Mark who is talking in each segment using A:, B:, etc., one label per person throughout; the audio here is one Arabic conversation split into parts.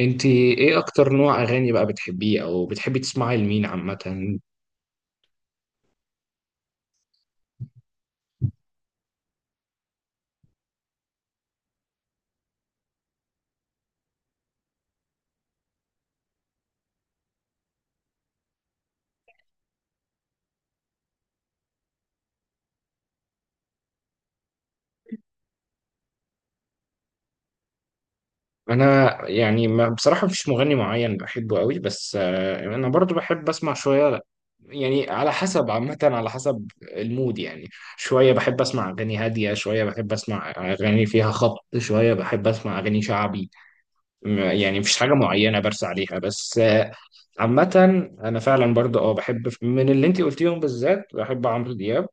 A: انت ايه اكتر نوع اغاني بقى بتحبيه او بتحبي تسمعي لمين عامه؟ انا يعني ما بصراحه مفيش مغني معين بحبه قوي، بس انا برضو بحب اسمع شويه، يعني على حسب، عامه، على حسب المود يعني. شويه بحب اسمع اغاني هاديه، شويه بحب اسمع اغاني فيها خبط، شويه بحب اسمع اغاني شعبي. يعني مفيش حاجه معينه برسى عليها، بس عامه. انا فعلا برضو بحب من اللي انت قلتيهم، بالذات بحب عمرو دياب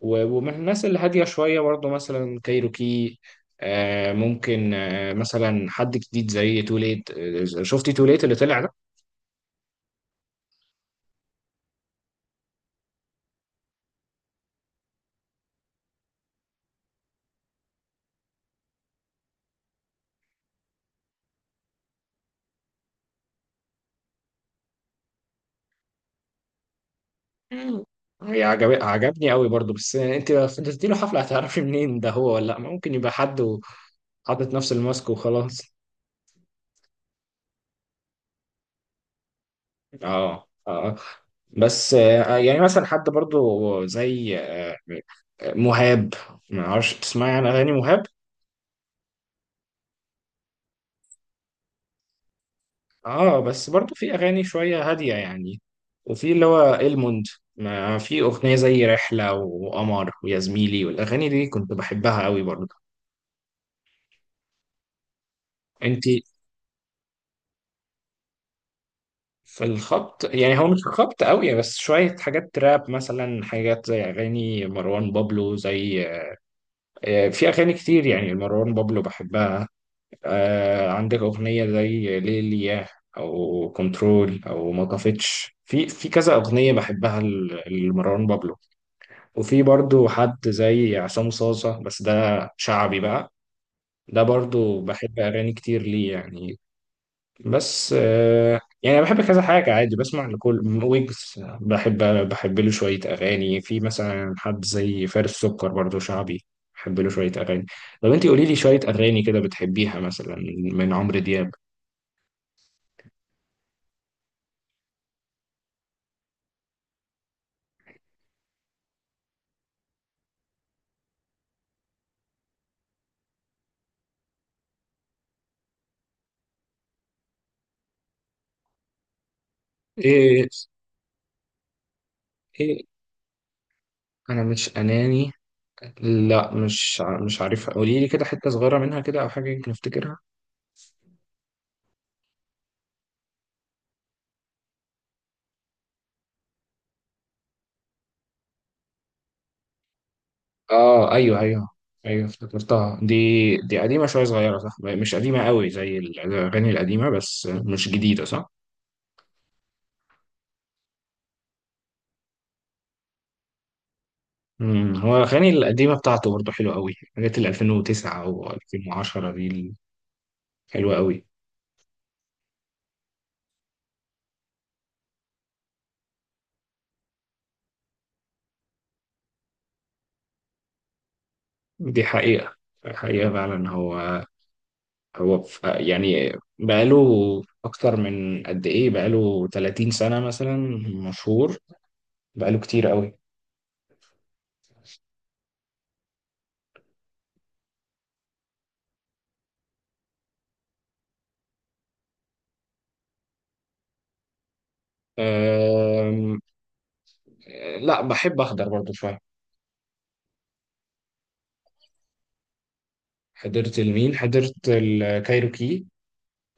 A: ومن الناس اللي هادية شوية برضه مثلا كايروكي. ممكن، مثلا حد جديد زي توليت، شفتي توليت اللي طلع ده؟ مم. هي عجبني قوي برضه، بس انت لو فضلتي له حفلة هتعرفي منين ده هو ولا لا؟ ممكن يبقى حد وحاطط نفس الماسك وخلاص. اه اه. بس يعني مثلا حد برضه زي مهاب، ما اعرفش تسمعي عن اغاني مهاب؟ اه بس برضو في اغاني شويه هاديه يعني، وفي اللي هو الموند، ما في اغنيه زي رحله وقمر ويا زميلي والاغاني دي كنت بحبها قوي برضو. انت في الخبط يعني هو مش خبط قوي، بس شويه حاجات راب، مثلا حاجات زي اغاني مروان بابلو، زي في اغاني كتير يعني مروان بابلو بحبها. عندك اغنيه زي ليليا، او كنترول، او ما طفتش، في كذا اغنيه بحبها لمروان بابلو. وفي برضو حد زي عصام صاصة، بس ده شعبي بقى، ده برضو بحب أغاني كتير ليه يعني. بس يعني أنا بحب كذا حاجة، عادي بسمع لكل ويجز. بحب بحب له شوية أغاني، في مثلا حد زي فارس سكر، برضو شعبي، بحب له شوية أغاني. طب أنت قولي لي شوية أغاني كده بتحبيها مثلا من عمرو دياب. إيه؟ إيه؟ أنا مش أناني؟ لا، مش عارفها، قولي لي كده حتة صغيرة منها كده أو حاجة، يمكن أفتكرها. اه ايوه ايوه، ايوه افتكرتها دي. دي قديمه شويه صغيره، صح؟ مش قديمه قوي زي الاغاني القديمه، بس مش جديده، صح؟ هو الاغاني القديمه بتاعته برضه حلوه قوي، حاجات ال 2009 او 2010 دي، حلوه قوي. دي حقيقه، حقيقه فعلا. يعني بقاله، اكتر من قد ايه، بقاله 30 سنه مثلا، مشهور، بقاله كتير قوي. أم... لا، بحب احضر برضه شويه. حضرت لمين؟ حضرت الكايروكي،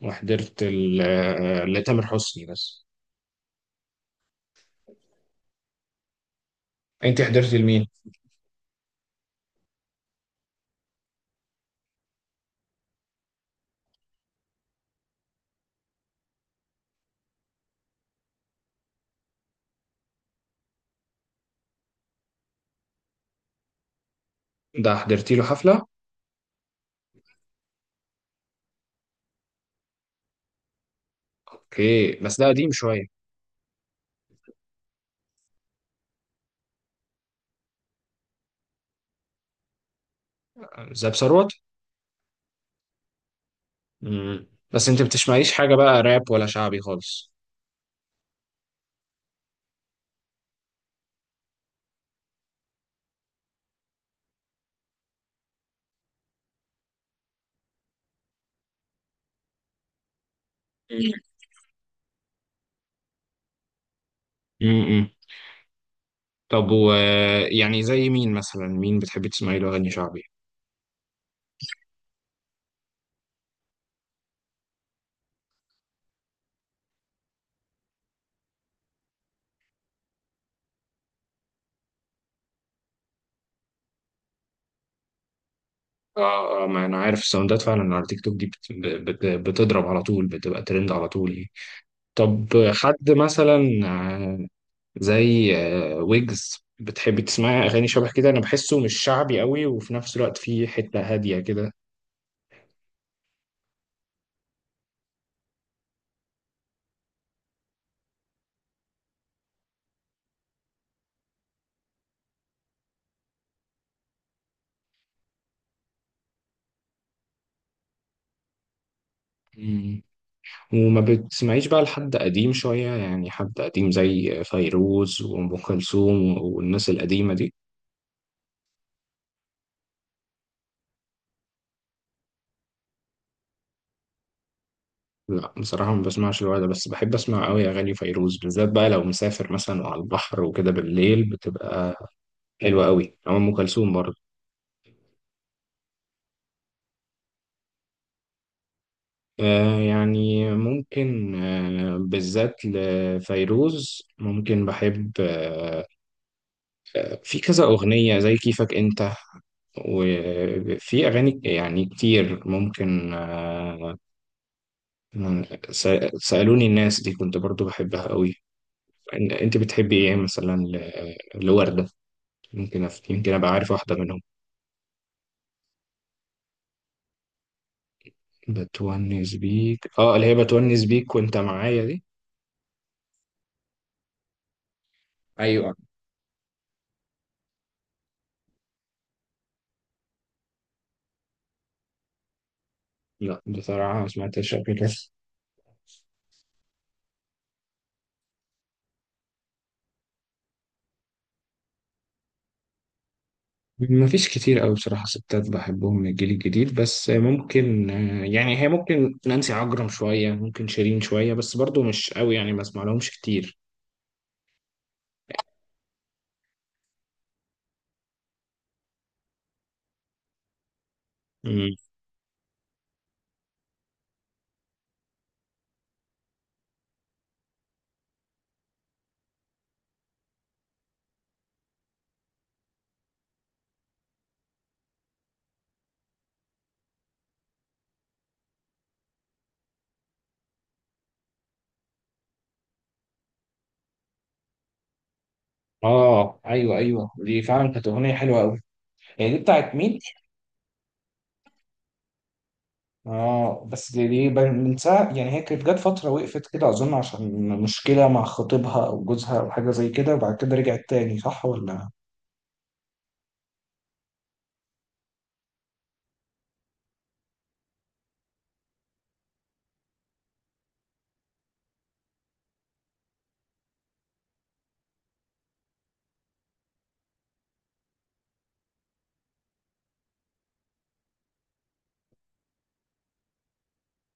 A: وحضرت لتامر حسني بس. انت حضرت لمين؟ ده حضرتي له حفلة؟ اوكي، بس ده قديم شوية. زاب ثروت؟ مم. بس انت بتسمعيش حاجة بقى راب ولا شعبي خالص؟ امم طب، و، يعني زي مين مثلا، مين بتحبي تسمعي له اغاني شعبي؟ اه اه، ما انا عارف الساوندات فعلا على تيك توك دي بتضرب على طول، بتبقى ترند على طول. طب، حد مثلا زي ويجز، بتحبي تسمعي اغاني شبه كده؟ انا بحسه مش شعبي قوي وفي نفس الوقت فيه حته هاديه كده. مم. وما بتسمعيش بقى لحد قديم شويه يعني، حد قديم زي فيروز وام كلثوم والناس القديمه دي؟ لا بصراحه ما بسمعش الوقت ده، بس بحب اسمع قوي اغاني فيروز، بالذات بقى لو مسافر مثلا وعلى البحر وكده بالليل، بتبقى حلوه قوي، او ام كلثوم برضه. يعني ممكن، بالذات لفيروز، ممكن بحب، في كذا أغنية زي كيفك أنت، وفي أغاني يعني كتير، ممكن س- سألوني الناس دي كنت برضو بحبها قوي. أنت بتحبي إيه مثلا لوردة؟ ممكن يمكن أبقى عارف واحدة منهم. بتونس بيك، اللي هي بتونس بيك وأنت معايا دي. ايوه. لا بصراحة ما سمعتهاش قبل كده. مفيش كتير قوي بصراحة ستات بحبهم من الجيل الجديد، بس ممكن يعني، هي ممكن نانسي عجرم شوية، ممكن شيرين شوية، بس برضو مش قوي يعني، ما اسمع لهمش كتير. مم. اه ايوه ايوه، دي فعلا كانت اغنية حلوة قوي. هي دي بتاعت مين؟ اه بس دي، من ساعة يعني، هي كانت جت فترة وقفت كده اظن عشان مشكلة مع خطيبها او جوزها او حاجة زي كده، وبعد كده رجعت تاني، صح ولا؟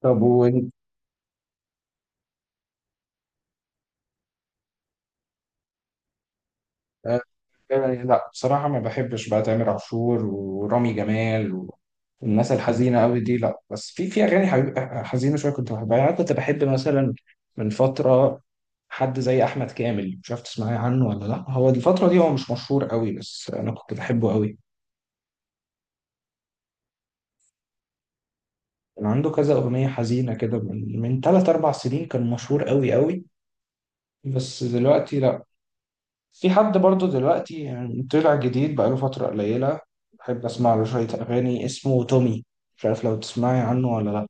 A: طب، آه، لا بصراحة ما بحبش بقى تامر عاشور ورامي جمال والناس الحزينة قوي دي، لا. بس في أغاني حزينة شوية كنت بحبها، يعني أنا كنت بحب مثلا من فترة حد زي أحمد كامل، مش عارف تسمعي عنه ولا لا، هو الفترة دي هو مش مشهور قوي، بس أنا كنت بحبه قوي. كان عنده كذا أغنية حزينة كده من تلات أربع سنين، كان مشهور قوي قوي. بس دلوقتي، في حد برضو دلوقتي يعني طلع جديد بقاله فترة قليلة، بحب أسمع له شوية أغاني، اسمه تومي، مش عارف لو تسمعي عنه ولا لأ.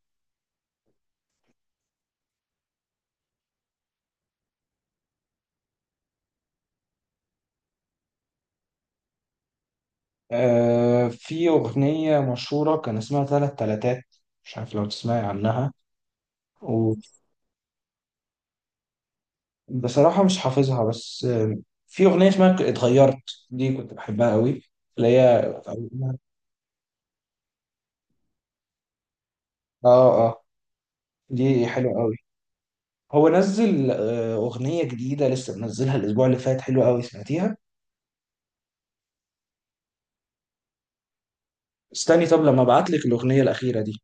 A: في أغنية مشهورة كان اسمها تلات تلاتات، مش عارف لو تسمعي عنها، وبصراحة مش حافظها، بس في أغنية اسمها اتغيرت، دي كنت بحبها قوي، اللي هي. آه، آه، دي حلوة قوي. هو نزل أغنية جديدة لسه منزلها الأسبوع اللي فات، حلوة قوي، سمعتيها؟ استني طب لما ابعت لك الأغنية الأخيرة دي.